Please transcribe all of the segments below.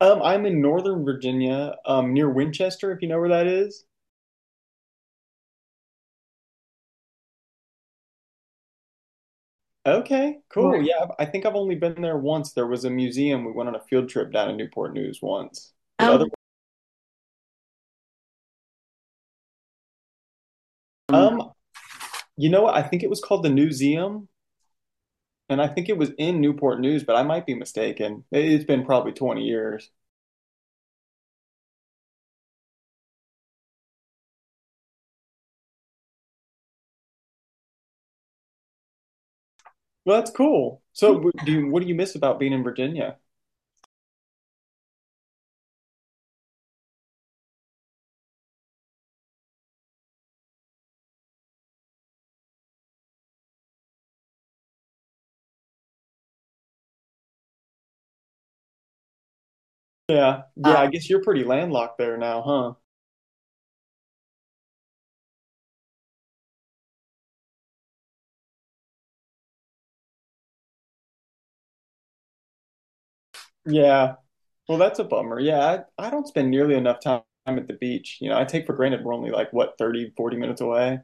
I'm in Northern Virginia, near Winchester, if you know where that is. Okay, cool. Right. Yeah, I think I've only been there once. There was a museum. We went on a field trip down to Newport News once. But oh, other, um, um, you know what? I think it was called the Newseum, and I think it was in Newport News, but I might be mistaken. It's been probably 20 years. Well, that's cool. So, what do you miss about being in Virginia? Yeah, yeah. I guess you're pretty landlocked there now, huh? Yeah. Well, that's a bummer. Yeah, I don't spend nearly enough time at the beach. You know, I take for granted we're only like, what, 30, 40 minutes away?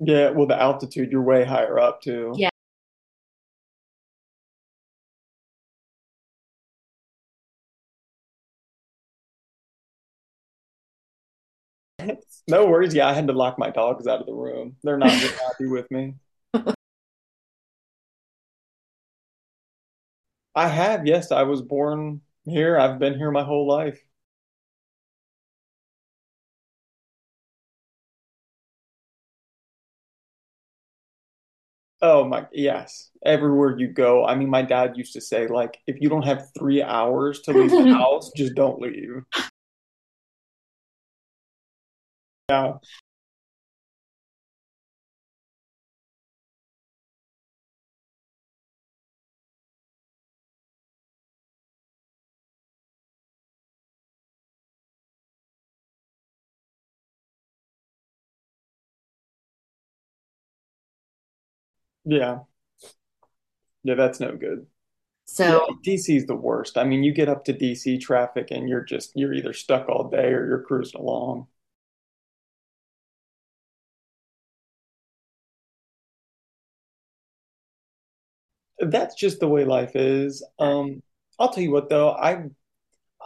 Yeah, well, the altitude, you're way higher up too. Yeah. No worries. Yeah, I had to lock my dogs out of the room. They're not very happy with me. I have, yes, I was born here. I've been here my whole life. Oh my, yes. Everywhere you go. I mean, my dad used to say, like, if you don't have 3 hours to leave the house, just don't leave. Yeah, yeah, yeah, that's no good. So DC is the worst. I mean, you get up to DC traffic and you're either stuck all day or you're cruising along. That's just the way life is. I'll tell you what though,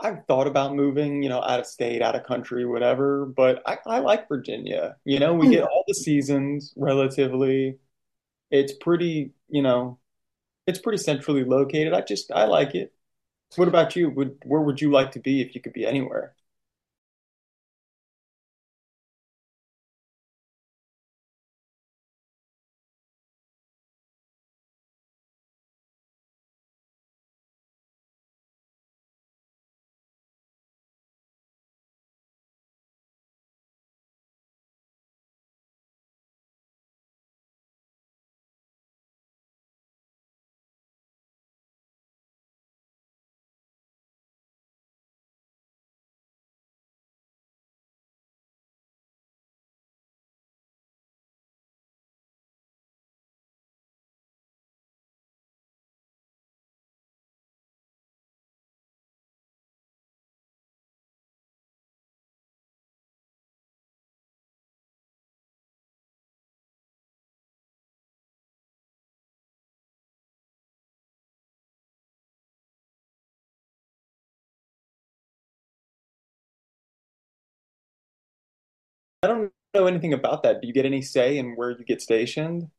I've thought about moving, you know, out of state, out of country, whatever, but I like Virginia. You know, we get all the seasons relatively. It's pretty, you know, it's pretty centrally located. I like it. What about you? Would Where would you like to be if you could be anywhere? I don't know anything about that. Do you get any say in where you get stationed?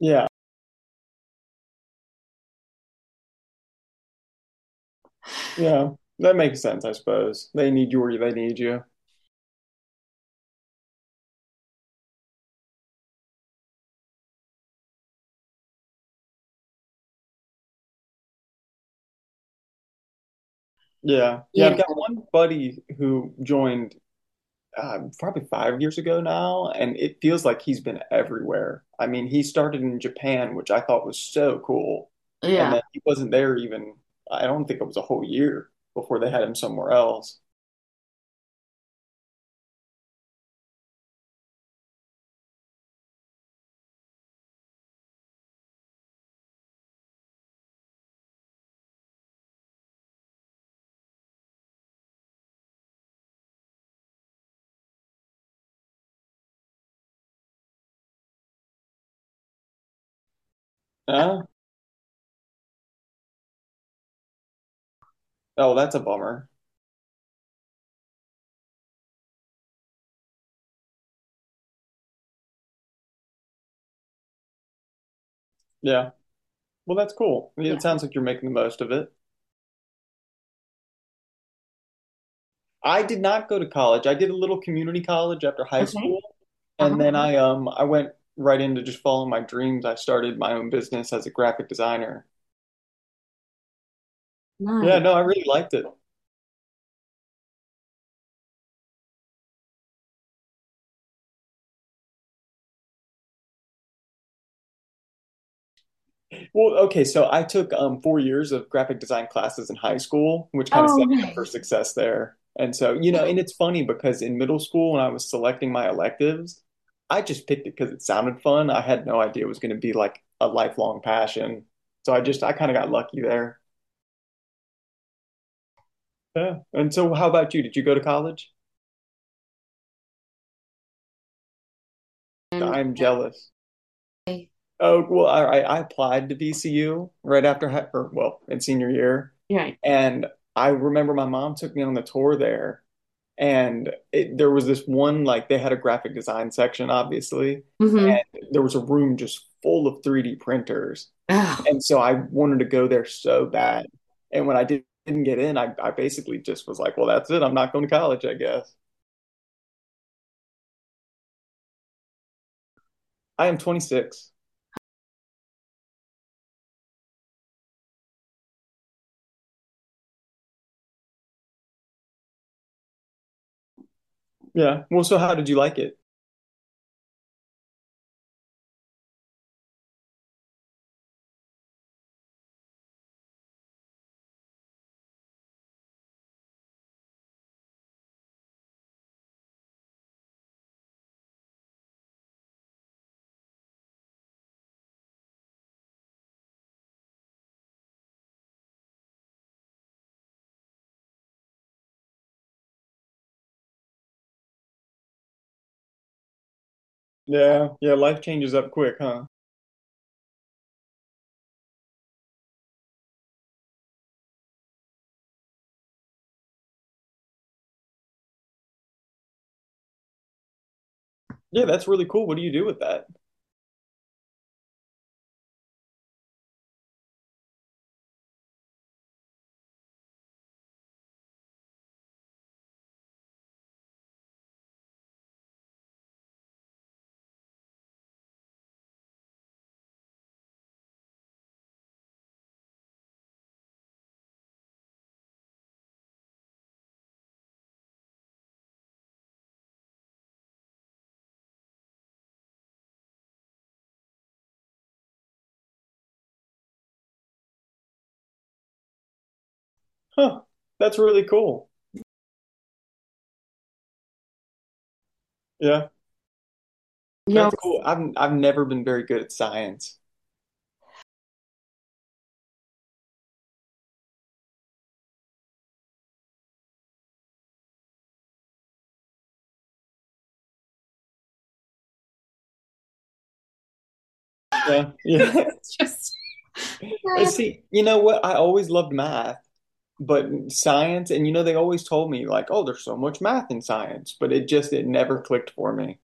Yeah. Yeah, that makes sense, I suppose. They need you or they need you. Yeah. Yeah, I've got one buddy who joined probably 5 years ago now, and it feels like he's been everywhere. I mean, he started in Japan, which I thought was so cool. And yeah, then he wasn't there even, I don't think it was a whole year before they had him somewhere else. Huh? Oh, that's a bummer. Yeah. Well, that's cool. I mean, yeah. It sounds like you're making the most of it. I did not go to college. I did a little community college after high, okay, school. And then I went right into just following my dreams. I started my own business as a graphic designer. Nice. Yeah, nice, no, I really liked it. Well, okay, so I took 4 years of graphic design classes in high school, which kind of, oh, set me up for, nice, success there. And so, you know, and it's funny because in middle school when I was selecting my electives, I just picked it because it sounded fun. I had no idea it was going to be like a lifelong passion. So I kind of got lucky there. Yeah. And so how about you? Did you go to college? I'm jealous. Okay. Oh, well, all right. I applied to VCU right after in senior year. Right. And I remember my mom took me on the tour there, and there was this one like they had a graphic design section, obviously, mm-hmm, and there was a room just full of 3D printers, oh, and so I wanted to go there so bad. And didn't get in, I basically just was like, well, that's it. I'm not going to college, I guess. I am 26. Yeah. Well, so how did you like it? Yeah. Yeah. Life changes up quick, huh? Yeah, that's really cool. What do you do with that? Huh. That's really cool. Yeah. Yeah. That's cool. I've never been very good at science. Yeah. Yeah. It's just see, you know what? I always loved math, but science, and you know, they always told me like, oh, there's so much math in science, but it never clicked for me.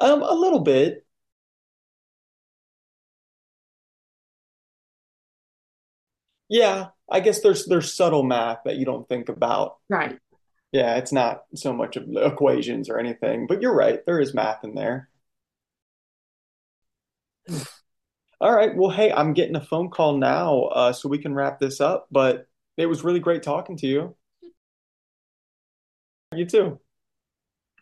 A little bit. Yeah. I guess there's subtle math that you don't think about, right. Yeah, it's not so much of equations or anything, but you're right, there is math in there. All right. Well, hey, I'm getting a phone call now, so we can wrap this up, but it was really great talking to you. You too.